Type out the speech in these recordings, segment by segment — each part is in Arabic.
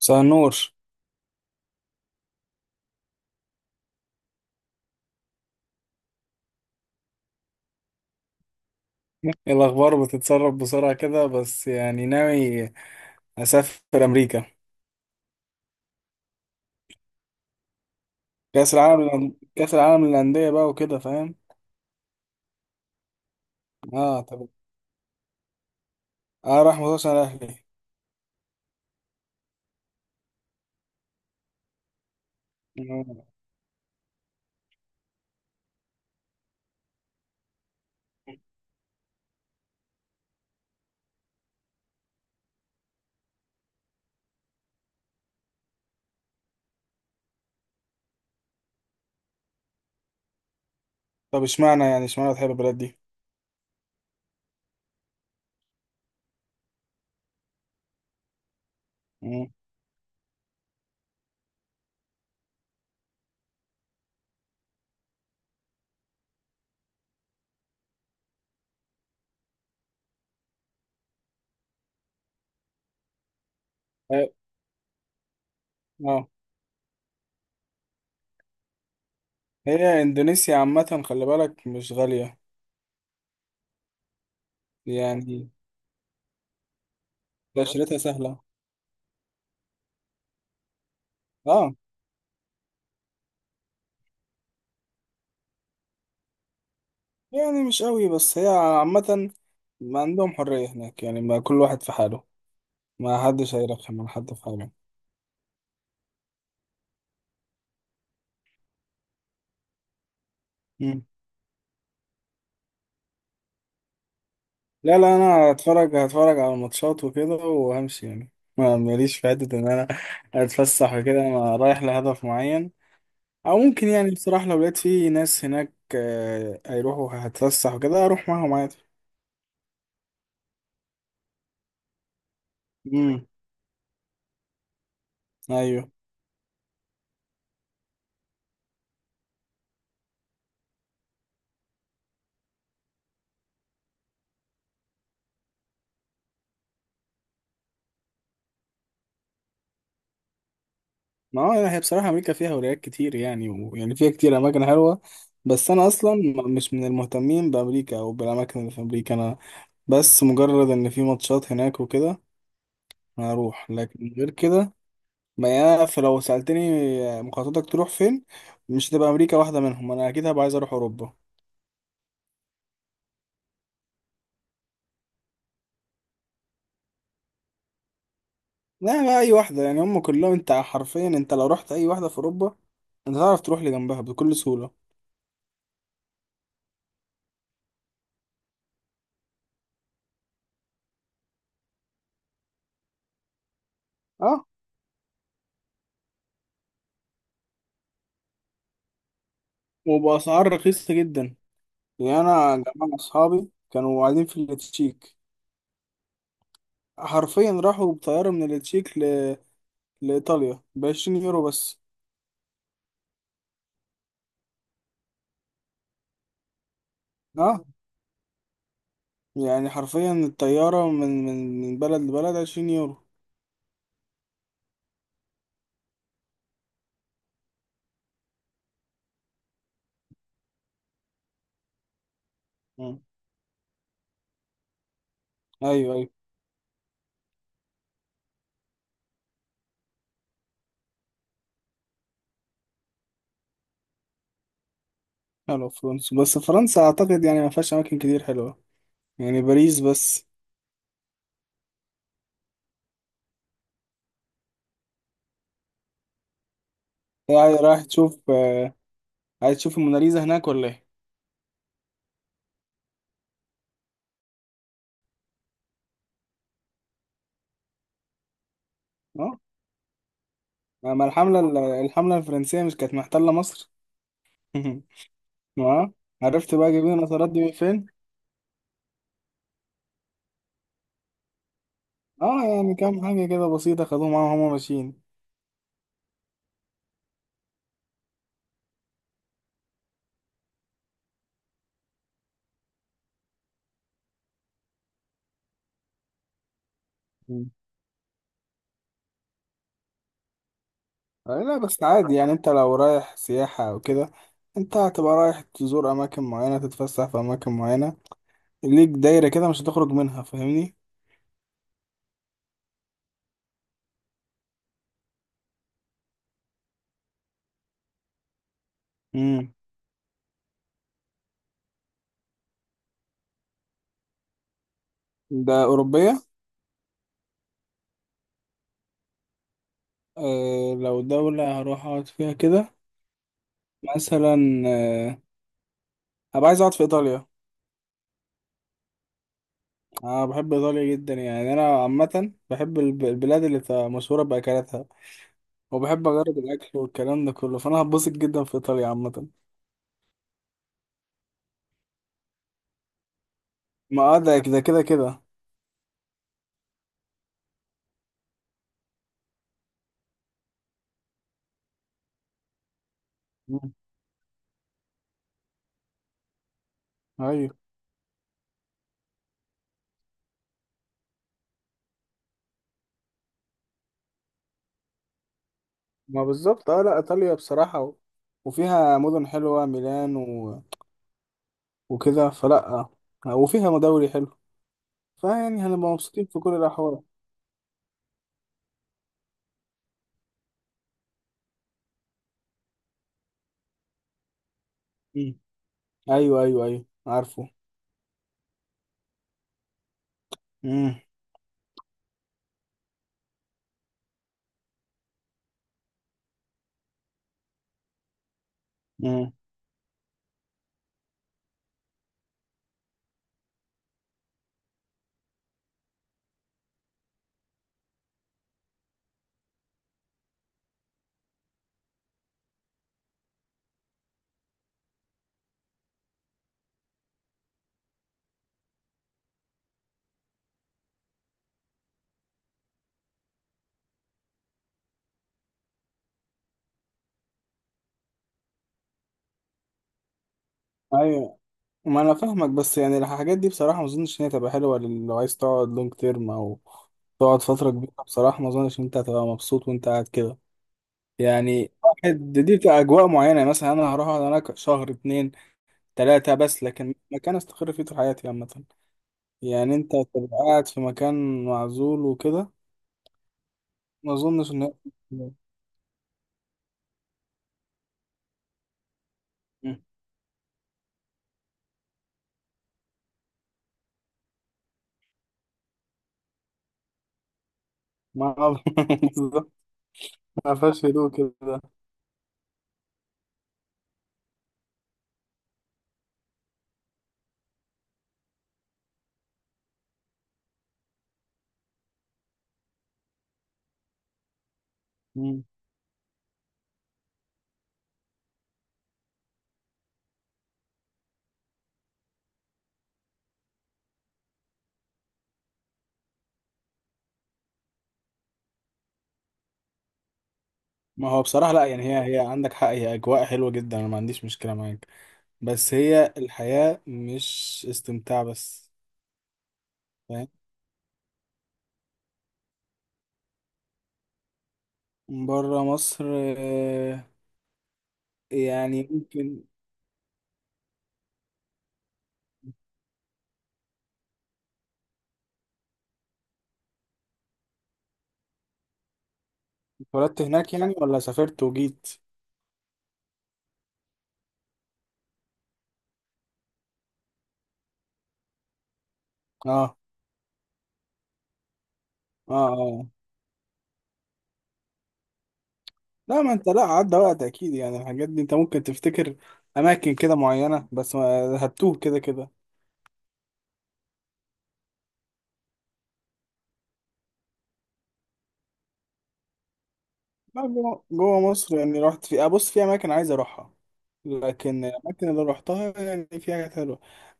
مساء النور. إيه الأخبار بتتسرب بسرعة كده؟ بس يعني ناوي أسافر أمريكا. كأس العالم كأس العالم للأندية بقى وكده، فاهم؟ اه، طب. اه، راح مخصوص على أهلي. آه. طب، اشمعنى بتحب البلد دي؟ مم. اه. آه. هي إندونيسيا عامة، خلي بالك، مش غالية يعني، تأشيرتها سهلة. اه يعني، مش قوي بس هي عامة. ما عندهم حرية هناك يعني، ما كل واحد في حاله. ما حدش هيرخم على حد في حاله. مم. لا، لا، انا هتفرج على الماتشات وكده وهمشي يعني. ما ماليش في حته ان انا اتفسح وكده. انا رايح لهدف معين. او ممكن يعني، بصراحه، لو لقيت في ناس هناك هيروحوا هتفسح وكده، اروح معاهم عادي. امم. ايوه. ما هو هي بصراحه امريكا فيها ولايات كتير يعني فيها كتير اماكن حلوه. بس انا اصلا مش من المهتمين بامريكا او بالاماكن اللي في امريكا. انا بس مجرد ان في ماتشات هناك وكده هروح، لكن غير كده. ما يا فلو سألتني، مخططك تروح فين؟ مش هتبقى أمريكا واحدة منهم. أنا أكيد هبقى عايز أروح أوروبا. لا بقى، أي واحدة يعني هم كلهم. أنت حرفيا لو رحت أي واحدة في أوروبا، أنت تعرف تروح لجنبها بكل سهولة. أه. وبأسعار رخيصة جدا. يعني أنا جماعة أصحابي كانوا قاعدين في التشيك، حرفيا راحوا بطيارة من التشيك لإيطاليا بـ20 يورو بس. أه يعني، حرفيا الطيارة من بلد لبلد 20 يورو. مم. أيوه، أيوه. حلو. فرنسا، بس فرنسا اعتقد يعني ما فيهاش اماكن كتير حلوه، يعني باريس بس. رايح رايح تشوف آه، عايز تشوف الموناليزا هناك ولا ايه؟ اه. ما الحمله الفرنسيه مش كانت محتله مصر؟ اه. عرفت بقى جايبين النصارات دي من فين؟ اه، يعني كام حاجه كده بسيطه، خدوهم معاهم وهم ماشيين. مم. لا بس عادي يعني، انت لو رايح سياحه او كده، انت هتبقى رايح تزور اماكن معينه، تتفسح في اماكن معينه، ليك دايره كده مش هتخرج منها، فاهمني؟ امم. ده اوروبيه؟ أه، لو دولة هروح أقعد فيها كده مثلا، أه أبقى عايز أقعد في إيطاليا. أنا بحب إيطاليا جدا يعني. أنا عامة بحب البلاد اللي بتبقى مشهورة بأكلاتها. وبحب أجرب الأكل والكلام ده كله، فأنا هتبسط جدا في إيطاليا عامة. ما، ده كده كده كده. مم. أيوه. ما بالظبط، لأ، إيطاليا بصراحة وفيها مدن حلوة، ميلان وكده، فلأ، وفيها مدوري حلو. فيعني هنبقى مبسوطين في كل الأحوال. مم. أيوه، أيوه، أيوه، عارفه. مم. مم. ايوه، ما انا فاهمك، بس يعني الحاجات دي بصراحه ما اظنش ان هي تبقى حلوه لو عايز تقعد لونج تيرم، او تقعد فتره كبيره. بصراحه ما اظنش ان انت هتبقى مبسوط وانت قاعد كده. يعني، واحد دي بتبقى اجواء معينه، يعني مثلا انا هروح اقعد هناك شهر، اتنين، تلاته بس، لكن مكان استقر فيه طول حياتي عامه. يعني انت تبقى قاعد في مكان معزول وكده. ما اظنش ان هي-. ما بالظبط، ما فيهاش هدوء كده. مم. ما هو بصراحه لا، يعني هي عندك حق، هي اجواء حلوه جدا، انا ما عنديش مشكله معاك، بس هي الحياة مش استمتاع بس. فاهم. بره مصر. آه، يعني ممكن. اتولدت هناك يعني ولا سافرت وجيت؟ اه، اه، اه. لا، ما انت، لا عدى وقت اكيد يعني، الحاجات دي انت ممكن تفتكر اماكن كده معينة، بس هتوه كده كده. لا، جوه مصر يعني، رحت في، ابص، في اماكن عايز اروحها. لكن الاماكن اللي روحتها يعني، في حاجات حلوة.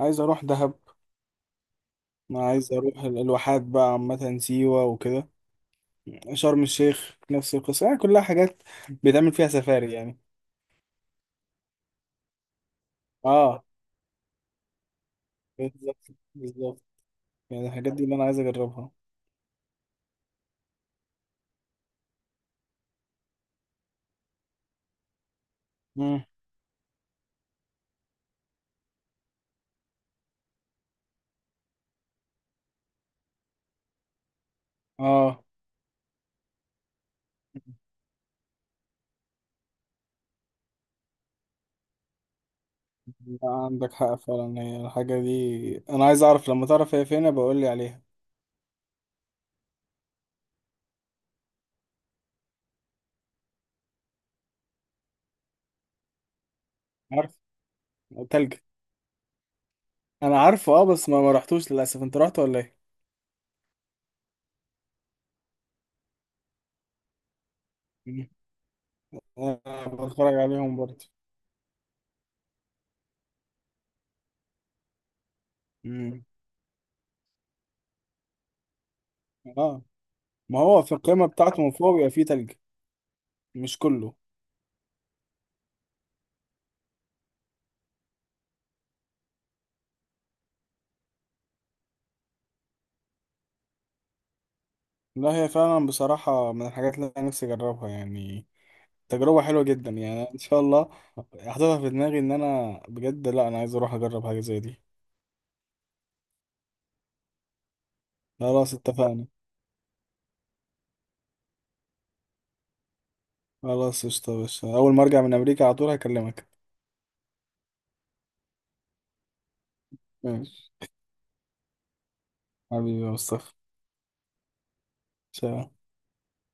عايز اروح دهب. ما عايز اروح الواحات بقى عامة، سيوة وكده. شرم الشيخ نفس القصة، يعني كلها حاجات بيتعمل فيها سفاري يعني. اه. بالظبط. بالظبط. يعني الحاجات دي اللي انا عايز اجربها. مم. اه. لا، عندك حق فعلا، هي الحاجة دي انا عايز اعرف، لما تعرف هي فين بقول لي عليها. عارف. تلج. انا عارفه، اه بس ما رحتوش للاسف، انت رحت ولا ايه؟ مم. انا بتفرج عليهم برضه. مم. اه. ما هو في القمة بتاعته من فوق بيبقى فيه تلج. مش كله. لا، هي فعلا بصراحة من الحاجات اللي انا نفسي اجربها يعني، تجربة حلوة جدا يعني، ان شاء الله. حاططها في دماغي ان انا بجد، لا انا عايز اروح اجرب حاجة زي دي. خلاص، اتفقنا. خلاص، قشطة يا باشا، اول ما ارجع من امريكا على طول هكلمك. ماشي. حبيبي يا مصطفى. سلام.